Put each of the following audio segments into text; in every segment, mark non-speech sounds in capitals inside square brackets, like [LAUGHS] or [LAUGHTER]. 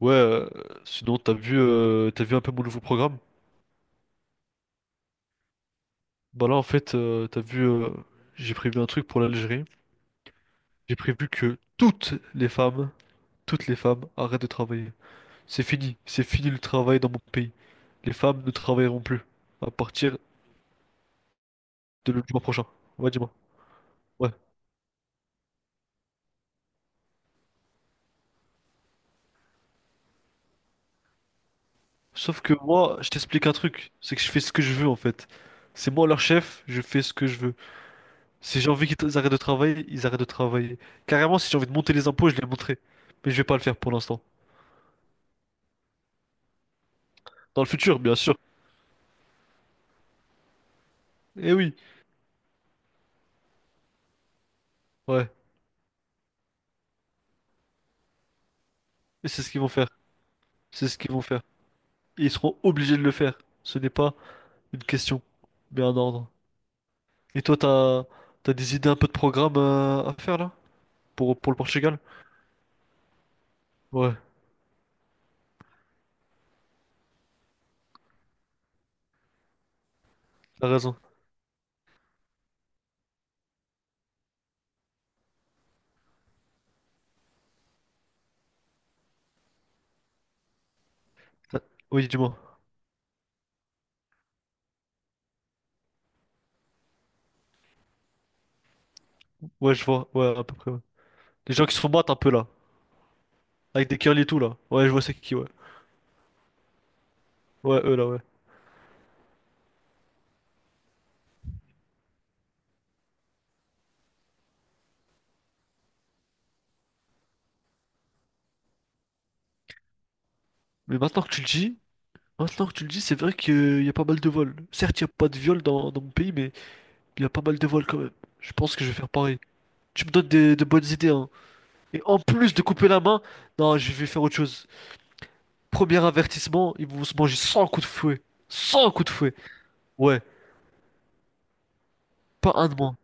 Ouais, sinon t'as vu un peu mon nouveau programme? Bah là en fait t'as vu j'ai prévu un truc pour l'Algérie. J'ai prévu que toutes les femmes arrêtent de travailler. C'est fini le travail dans mon pays. Les femmes ne travailleront plus à partir de le du mois prochain. Ouais, dis-moi. Ouais. Sauf que moi, je t'explique un truc, c'est que je fais ce que je veux en fait. C'est moi leur chef, je fais ce que je veux. Si j'ai envie qu'ils arrêtent de travailler, ils arrêtent de travailler. Carrément, si j'ai envie de monter les impôts, je les monterai. Mais je vais pas le faire pour l'instant. Dans le futur, bien sûr. Eh oui, ouais. Et c'est ce qu'ils vont faire. C'est ce qu'ils vont faire. Et ils seront obligés de le faire. Ce n'est pas une question, mais un ordre. Et toi, t'as des idées un peu de programme à faire là? Pour le Portugal? Ouais, t'as raison. T'as- Oui, dis-moi. Ouais, je vois. Ouais, à peu près. Ouais. Les gens qui se font battre un peu là. Avec des curly et tout là. Ouais, je vois c'est qui, ouais. Ouais, eux là, ouais. Mais maintenant que tu le dis, maintenant que tu le dis, c'est vrai qu'il y a pas mal de vols. Certes, il n'y a pas de viol dans mon pays, mais il y a pas mal de vols quand même. Je pense que je vais faire pareil. Tu me donnes des- de bonnes idées, hein. Et en plus de couper la main, non, je vais faire autre chose. Premier avertissement, ils vont se manger 100 coups de fouet. 100 coups de fouet. Ouais, pas un de moins.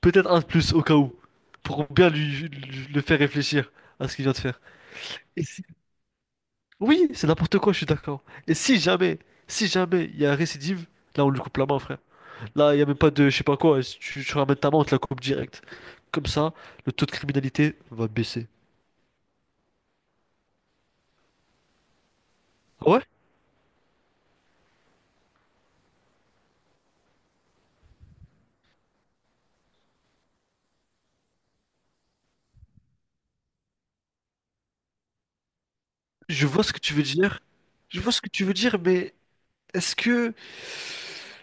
Peut-être un de plus au cas où. Pour bien le faire réfléchir à ce qu'il vient de faire. Et si- Oui, c'est n'importe quoi, je suis d'accord. Et si jamais, si jamais il y a récidive, là on lui coupe la main, frère. Là, il n'y a même pas de je sais pas quoi. Si Tu, tu ramènes ta main, on te la coupe direct. Comme ça, le taux de criminalité va baisser. Ah ouais? Je vois ce que tu veux dire. Je vois ce que tu veux dire, mais est-ce que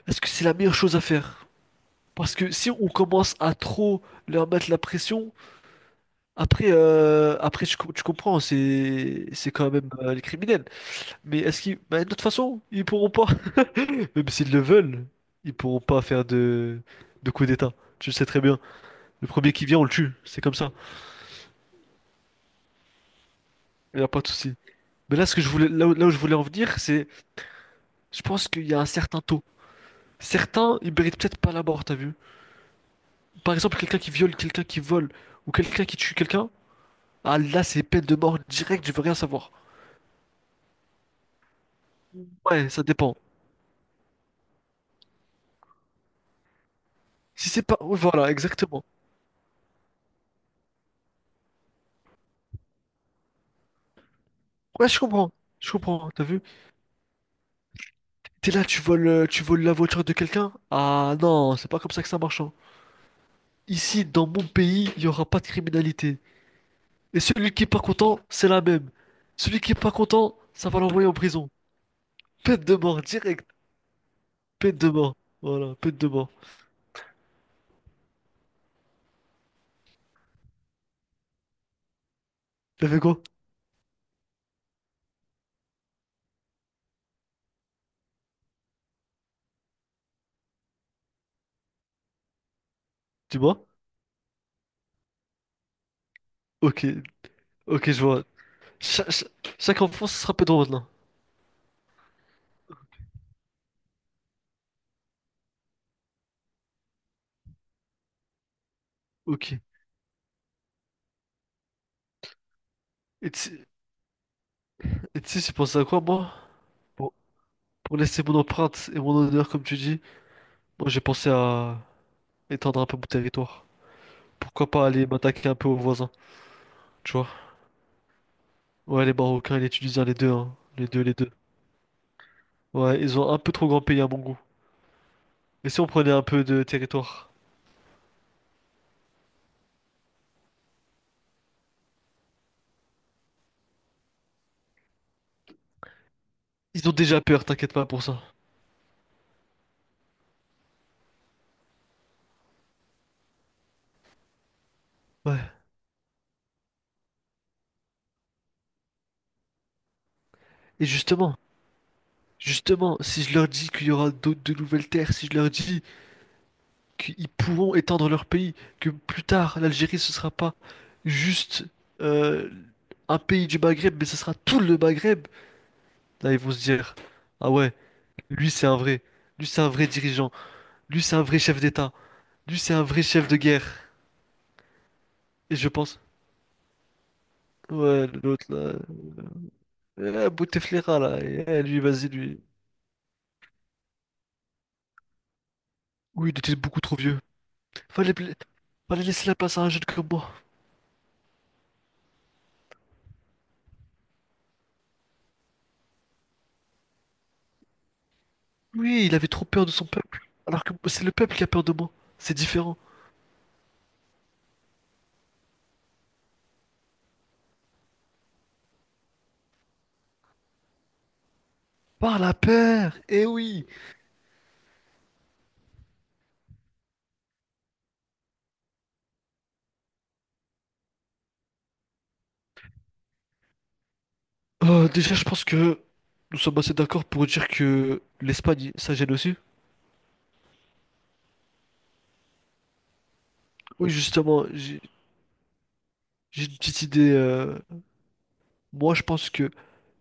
est-ce que c'est la meilleure chose à faire? Parce que si on commence à trop leur mettre la pression, après tu comprends, c'est quand même les criminels. Mais est-ce qu'ils, bah, de toute façon, ils pourront pas, [LAUGHS] même s'ils le veulent, ils pourront pas faire de coup d'État. Tu le sais très bien. Le premier qui vient, on le tue. C'est comme ça. Il n'y a pas de souci. Mais là, ce que je voulais, là où je voulais en venir, c'est, je pense qu'il y a un certain taux. Certains, ils méritent peut-être pas la mort, t'as vu? Par exemple, quelqu'un qui viole, quelqu'un qui vole, ou quelqu'un qui tue quelqu'un, ah là, c'est peine de mort directe, je veux rien savoir. Ouais, ça dépend. Si c'est pas... ouais, voilà, exactement. Ouais, je comprends. Je comprends, t'as vu? T'es là, tu voles la voiture de quelqu'un? Ah non, c'est pas comme ça que ça marche, hein. Ici, dans mon pays, il y aura pas de criminalité. Et celui qui est pas content, c'est la même. Celui qui est pas content, ça va l'envoyer en prison. Peine de mort, direct. Peine de mort. Voilà, peine de mort. T'as fait quoi? Dis-moi. Ok, ok, je vois. Cha- cha- chaque enfant, ce sera peu drôle, là. Ok. Et tu et tu sais, j'ai pensé à quoi, moi? Pour, pour laisser mon empreinte et mon honneur, comme tu dis, moi, j'ai pensé à étendre un peu mon territoire. Pourquoi pas aller m'attaquer un peu aux voisins, tu vois? Ouais, les Marocains et les Tunisiens, les deux, hein. Les deux, les deux. Ouais, ils ont un peu trop grand pays à mon goût. Mais si on prenait un peu de territoire? Ils ont déjà peur, t'inquiète pas pour ça. Ouais. Et justement, justement, si je leur dis qu'il y aura d'autres de nouvelles terres, si je leur dis qu'ils pourront étendre leur pays, que plus tard l'Algérie ce sera pas juste euh, un pays du Maghreb, mais ce sera tout le Maghreb. Là ils vont se dire, ah ouais, lui c'est un vrai, lui c'est un vrai dirigeant, lui c'est un vrai chef d'État, lui c'est un vrai chef de guerre. Et je pense, ouais l'autre là, Bouteflika là, eh, lui vas-y lui, oui il était beaucoup trop vieux. Fallait, fallait laisser la place à un jeune comme moi. Oui, il avait trop peur de son peuple, alors que c'est le peuple qui a peur de moi. C'est différent. Par la paire, eh oui. Déjà, je pense que nous sommes assez d'accord pour dire que l'Espagne, ça gêne aussi. Oui, justement, j'ai une petite idée. Moi, je pense que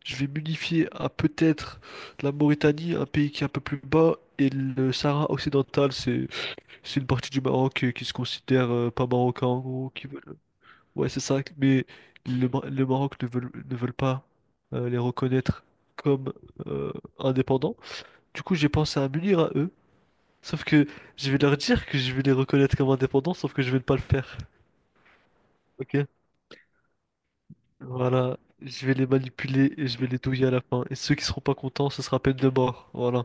je vais m'unifier à peut-être la Mauritanie, un pays qui est un peu plus bas, et le Sahara occidental, c'est une partie du Maroc qui se considère pas marocain, en gros, qui veulent- Ouais, c'est ça. Mais le Maroc ne veulent pas les reconnaître comme euh, indépendants. Du coup, j'ai pensé à m'unir à eux. Sauf que je vais leur dire que je vais les reconnaître comme indépendants, sauf que je vais ne pas le faire. Ok? Voilà. Je vais les manipuler et je vais les douiller à la fin. Et ceux qui seront pas contents, ce sera peine de mort. Voilà.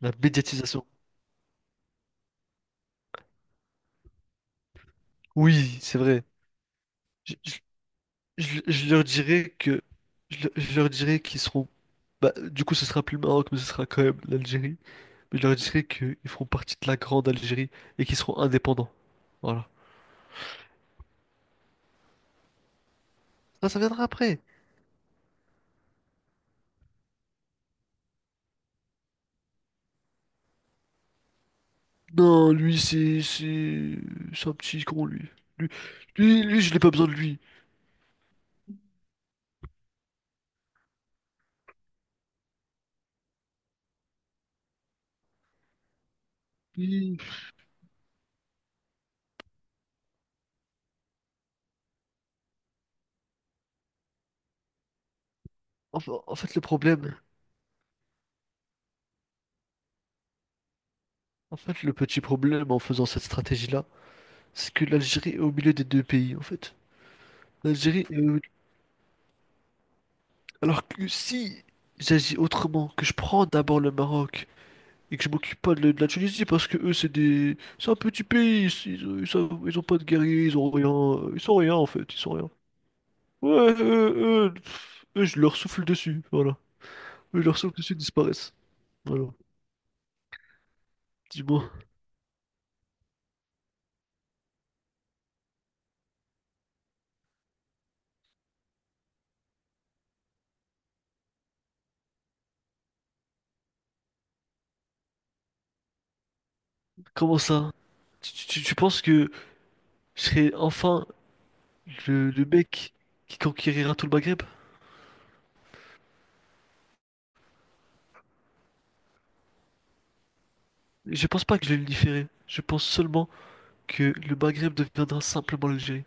La médiatisation. Oui, c'est vrai. Je, je- je leur dirai que. Je leur dirai qu'ils seront. Bah, du coup, ce sera plus le Maroc, mais ce sera quand même l'Algérie. Mais je leur dirai qu'ils feront partie de la grande Algérie et qu'ils seront indépendants. Voilà. Ça viendra après. Non, c'est un petit con, lui. Lui, lui, je n'ai pas besoin de lui. Lui- en fait, le problème, en fait, le petit problème en faisant cette stratégie-là, c'est que l'Algérie est au milieu des deux pays, en fait. L'Algérie est au- Alors que si j'agis autrement, que je prends d'abord le Maroc et que je m'occupe pas de la Tunisie, parce que eux, c'est des... C'est un petit pays, ils ont pas de guerriers, ils ont rien, ils sont rien, en fait, ils sont rien. Ouais, eux, je leur souffle dessus, voilà. Mais leurs sons l'impression que ceux disparaissent. Voilà. Dis-moi, comment ça? Tu penses que je serai enfin le mec qui conquérira tout le Maghreb? Je pense pas que je vais le différer. Je pense seulement que le Maghreb deviendra simplement l'Algérie.